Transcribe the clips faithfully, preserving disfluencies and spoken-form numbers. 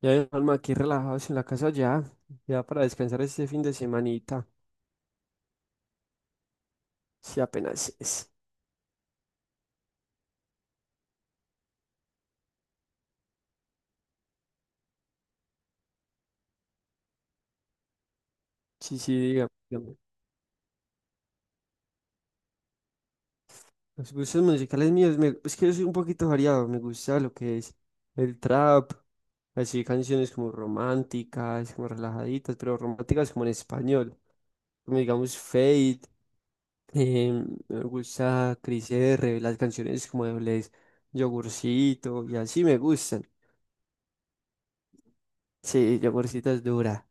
Ya, alma, aquí relajados en la casa ya, ya para descansar este fin de semanita, si apenas es. Sí, sí, dígame. dígame. Los gustos musicales míos, me- es que yo soy un poquito variado, me gusta lo que es el trap, así canciones como románticas, como relajaditas, pero románticas como en español, como digamos Fade, em, me gusta Cris R, las canciones como de Bless, Yogurcito, y así me gustan. Sí, Yogurcito es dura.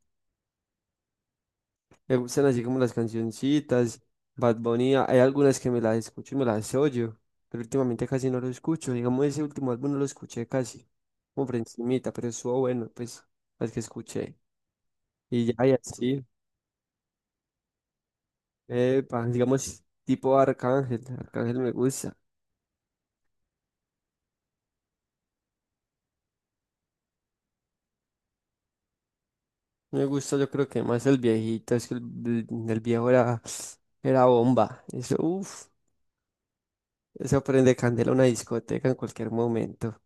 Me gustan así como las cancioncitas, Bad Bunny, hay algunas que me las escucho y me las oyo, pero últimamente casi no lo escucho, digamos ese último álbum no lo escuché casi, como por encimita, pero estuvo bueno, pues, las que escuché, y ya, y así, epa, digamos, tipo Arcángel, Arcángel me gusta, me gusta yo creo que más el viejito, es que el, el- el viejo era, era bomba, eso, uff, eso prende candela a una discoteca en cualquier momento.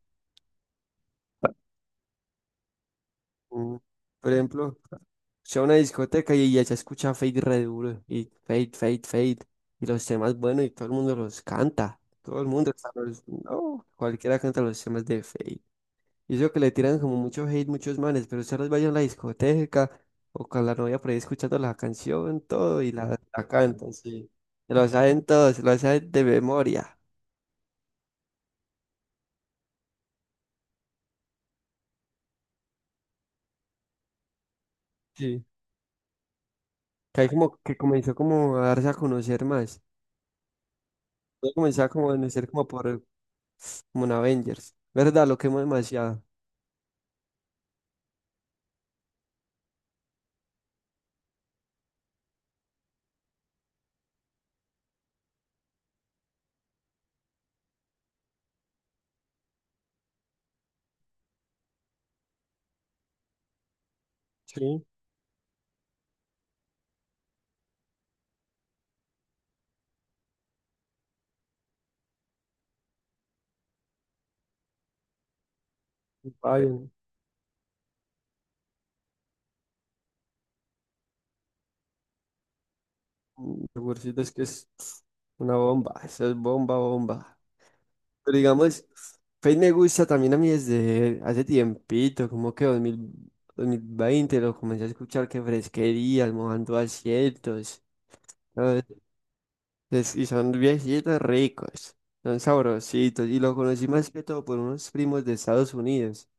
Mm, Por ejemplo, sea una discoteca y ya se escucha Fade re duro, y Fade, Fade, Fade, y los temas buenos y todo el mundo los canta, todo el mundo, hasta los- no, cualquiera canta los temas de Fade. Y eso que le tiran como mucho hate muchos manes, pero se los vayan a la discoteca o con la novia por ahí escuchando la canción, todo, y la, la cantan, sí. Se lo saben todos, se lo saben de memoria. Sí. Que ahí como que comenzó como a darse a conocer más. Yo comenzaba como a conocer como por como en Avengers. ¿Verdad? Lo quemo demasiado. Sí, Eh, Biden. mm, Lo peorcito es que es una bomba. Eso es bomba, bomba. Pero digamos, Fate me gusta también a mí desde hace tiempito, como que dos dos mil dos mil veinte lo comencé a escuchar que fresquería, mojando asientos. ¿Sabes? Es- Y son viejitos ricos, son sabrositos. Y lo conocí más que todo por unos primos de Estados Unidos.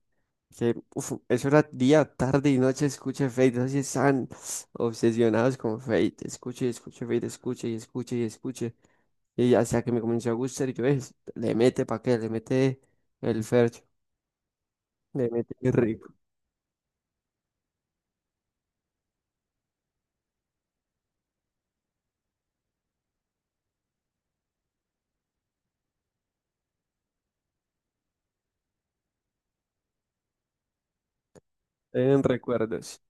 Que, uf, eso era día, tarde y noche, escuche Fate. No sé si están obsesionados con Fate. Escuche y escuche Fate, escuche y escuche y escuche. Y hasta que me comenzó a gustar, y yo es, le mete pa' qué, le mete el Fercho, le mete qué rico. En recuerdos,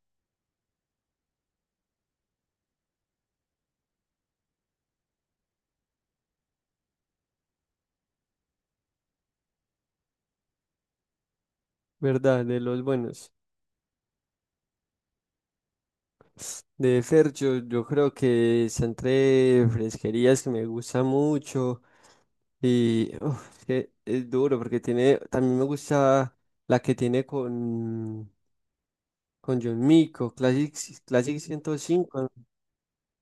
¿verdad? De los buenos. De Fercho, yo creo que está entre fresquerías que me gusta mucho. Y uf, es que es duro porque tiene, también me gusta la que tiene con. con John Mico, Classic, Classic, ciento cinco,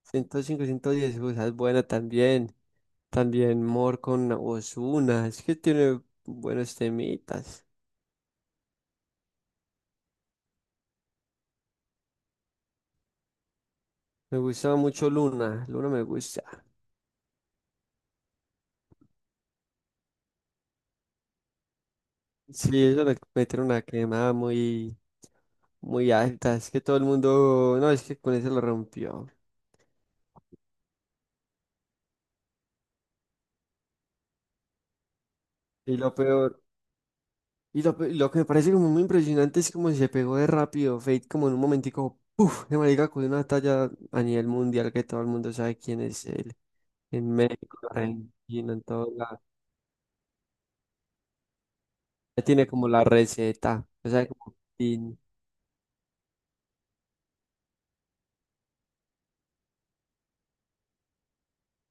ciento cinco, ciento diez, o sea, es buena también. También Mor con Ozuna, es que tiene buenos temitas. Me gustaba mucho Luna, Luna me gusta. Sí, ellos le metieron una quemada muy, muy alta, es que todo el mundo, no, es que con eso lo rompió. Y lo peor, Y lo, pe- lo que me parece como muy impresionante es como si se pegó de rápido Fate, como en un momentico, ¡puf! De marica con una talla a nivel mundial que todo el mundo sabe quién es él. En México, en Argentina, en todo lado. Ya tiene como la receta. O sea, como tin,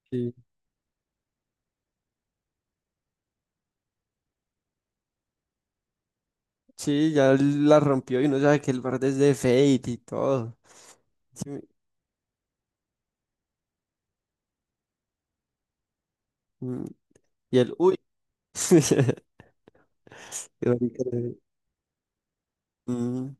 tin. Sí, ya la rompió y uno sabe que el verde es de Fate y todo. Sí. mm, Y el, ¡uy! Qué marica, eh. Mm,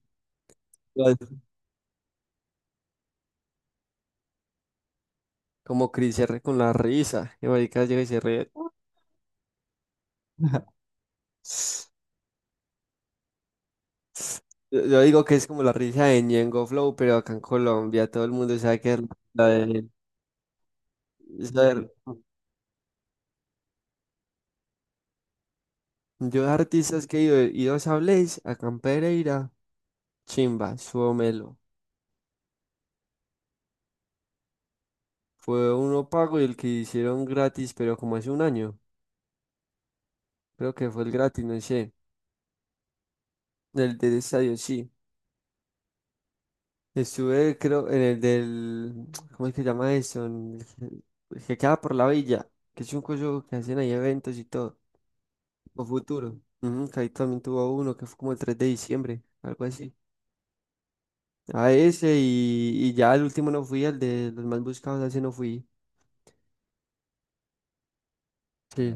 Como Chris R con la risa. Y marica llega y se ríe. Yo, yo digo que es como la risa de Ñengo Flow, pero acá en Colombia todo el mundo sabe que es la de esa. Yo de artistas que he ido, he ido a Sabléis, acá en Pereira, Chimba, Suomelo. Fue uno pago y el que hicieron gratis, pero como hace un año. Creo que fue el gratis, no sé. El del estadio, sí. Estuve, creo, en el del, ¿cómo es que se llama eso? En el que el que queda por la villa. Que es un coso que hacen ahí eventos y todo. O Futuro. Ujú, que ahí también tuvo uno que fue como el tres de diciembre, algo así. A ese y, y ya el último no fui, al de los más buscados, a ese no fui. Sí.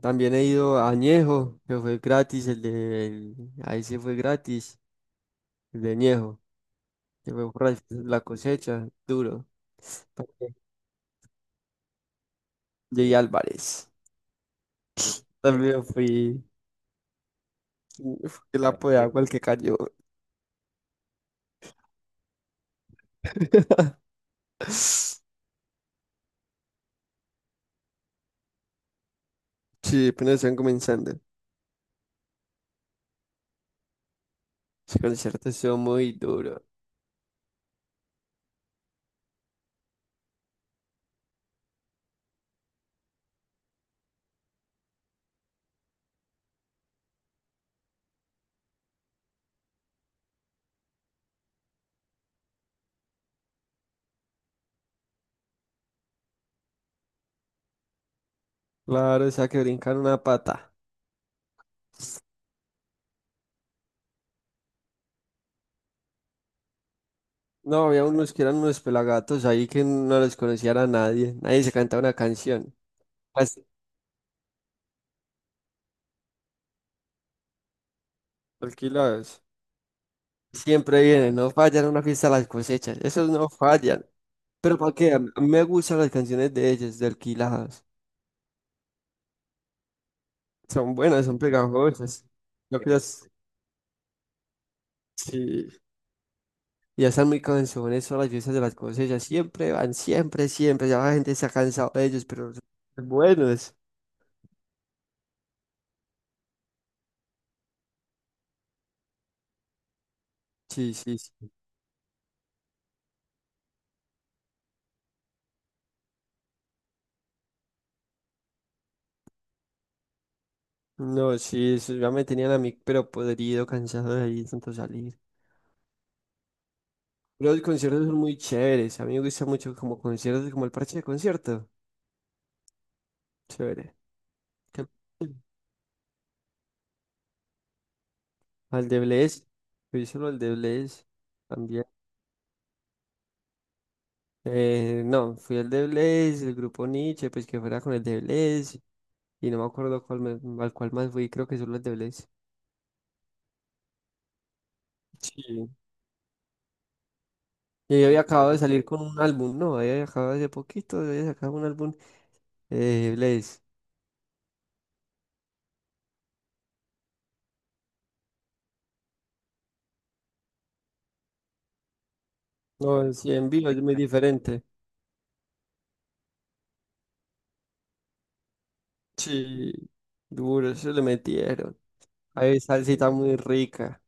También he ido a Añejo, que fue gratis, el de... el- ahí sí fue gratis, el de Añejo, que fue por la la cosecha, duro. Llegué Álvarez. También fui. Uf, el bueno, lapo de agua el que cayó. Sí, apenas están comenzando. Ese concierto estuvo muy duro. Claro, o sea que brincar una pata. No, había unos que eran unos pelagatos ahí que no los conocía a nadie. Nadie se cantaba una canción. Las alquiladas. Siempre vienen, no fallan una fiesta las cosechas. Esos no fallan. Pero ¿para qué? A mí me gustan las canciones de ellos, de alquiladas. Son buenas, son pegajosas. Yo creo sí. Ya están muy cansones son las fiestas de las cosechas. Siempre van, siempre, siempre. Ya la gente se ha cansado de ellos, pero son buenos. Sí, sí, sí. No, sí, eso ya me tenían a mí, pero podrido, cansado de ahí tanto salir. Pero los conciertos son muy chéveres. A mí me gusta mucho como conciertos, como el parche de concierto. Chévere. Que- Al de Blaze. Fui solo al de Blaze también. Eh, no, fui al de Blaze, el grupo Nietzsche, pues que fuera con el de Blaze. Y no me acuerdo cuál me- al cual más fui, creo que solo al de Blaze. Sí. Y yo había acabado de salir con un álbum, no, había acabado hace poquito, había sacado un álbum eh, Blaze. No, sí, en vivo es muy diferente. Sí, duro, eso le metieron. Hay salsita muy rica.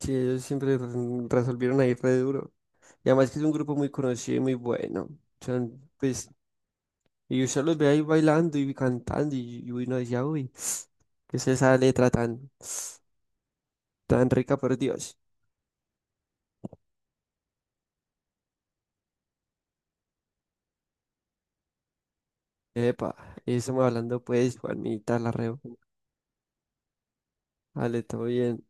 Sí, ellos siempre re- resolvieron ahí re duro. Y además que es un grupo muy conocido y muy bueno. Son, pues, y usted los ve ahí bailando y cantando y, y uno decía, uy, ¿qué es esa letra tan, tan rica por Dios? Epa, y estamos hablando pues, Juanita, la reo. Vale, todo bien.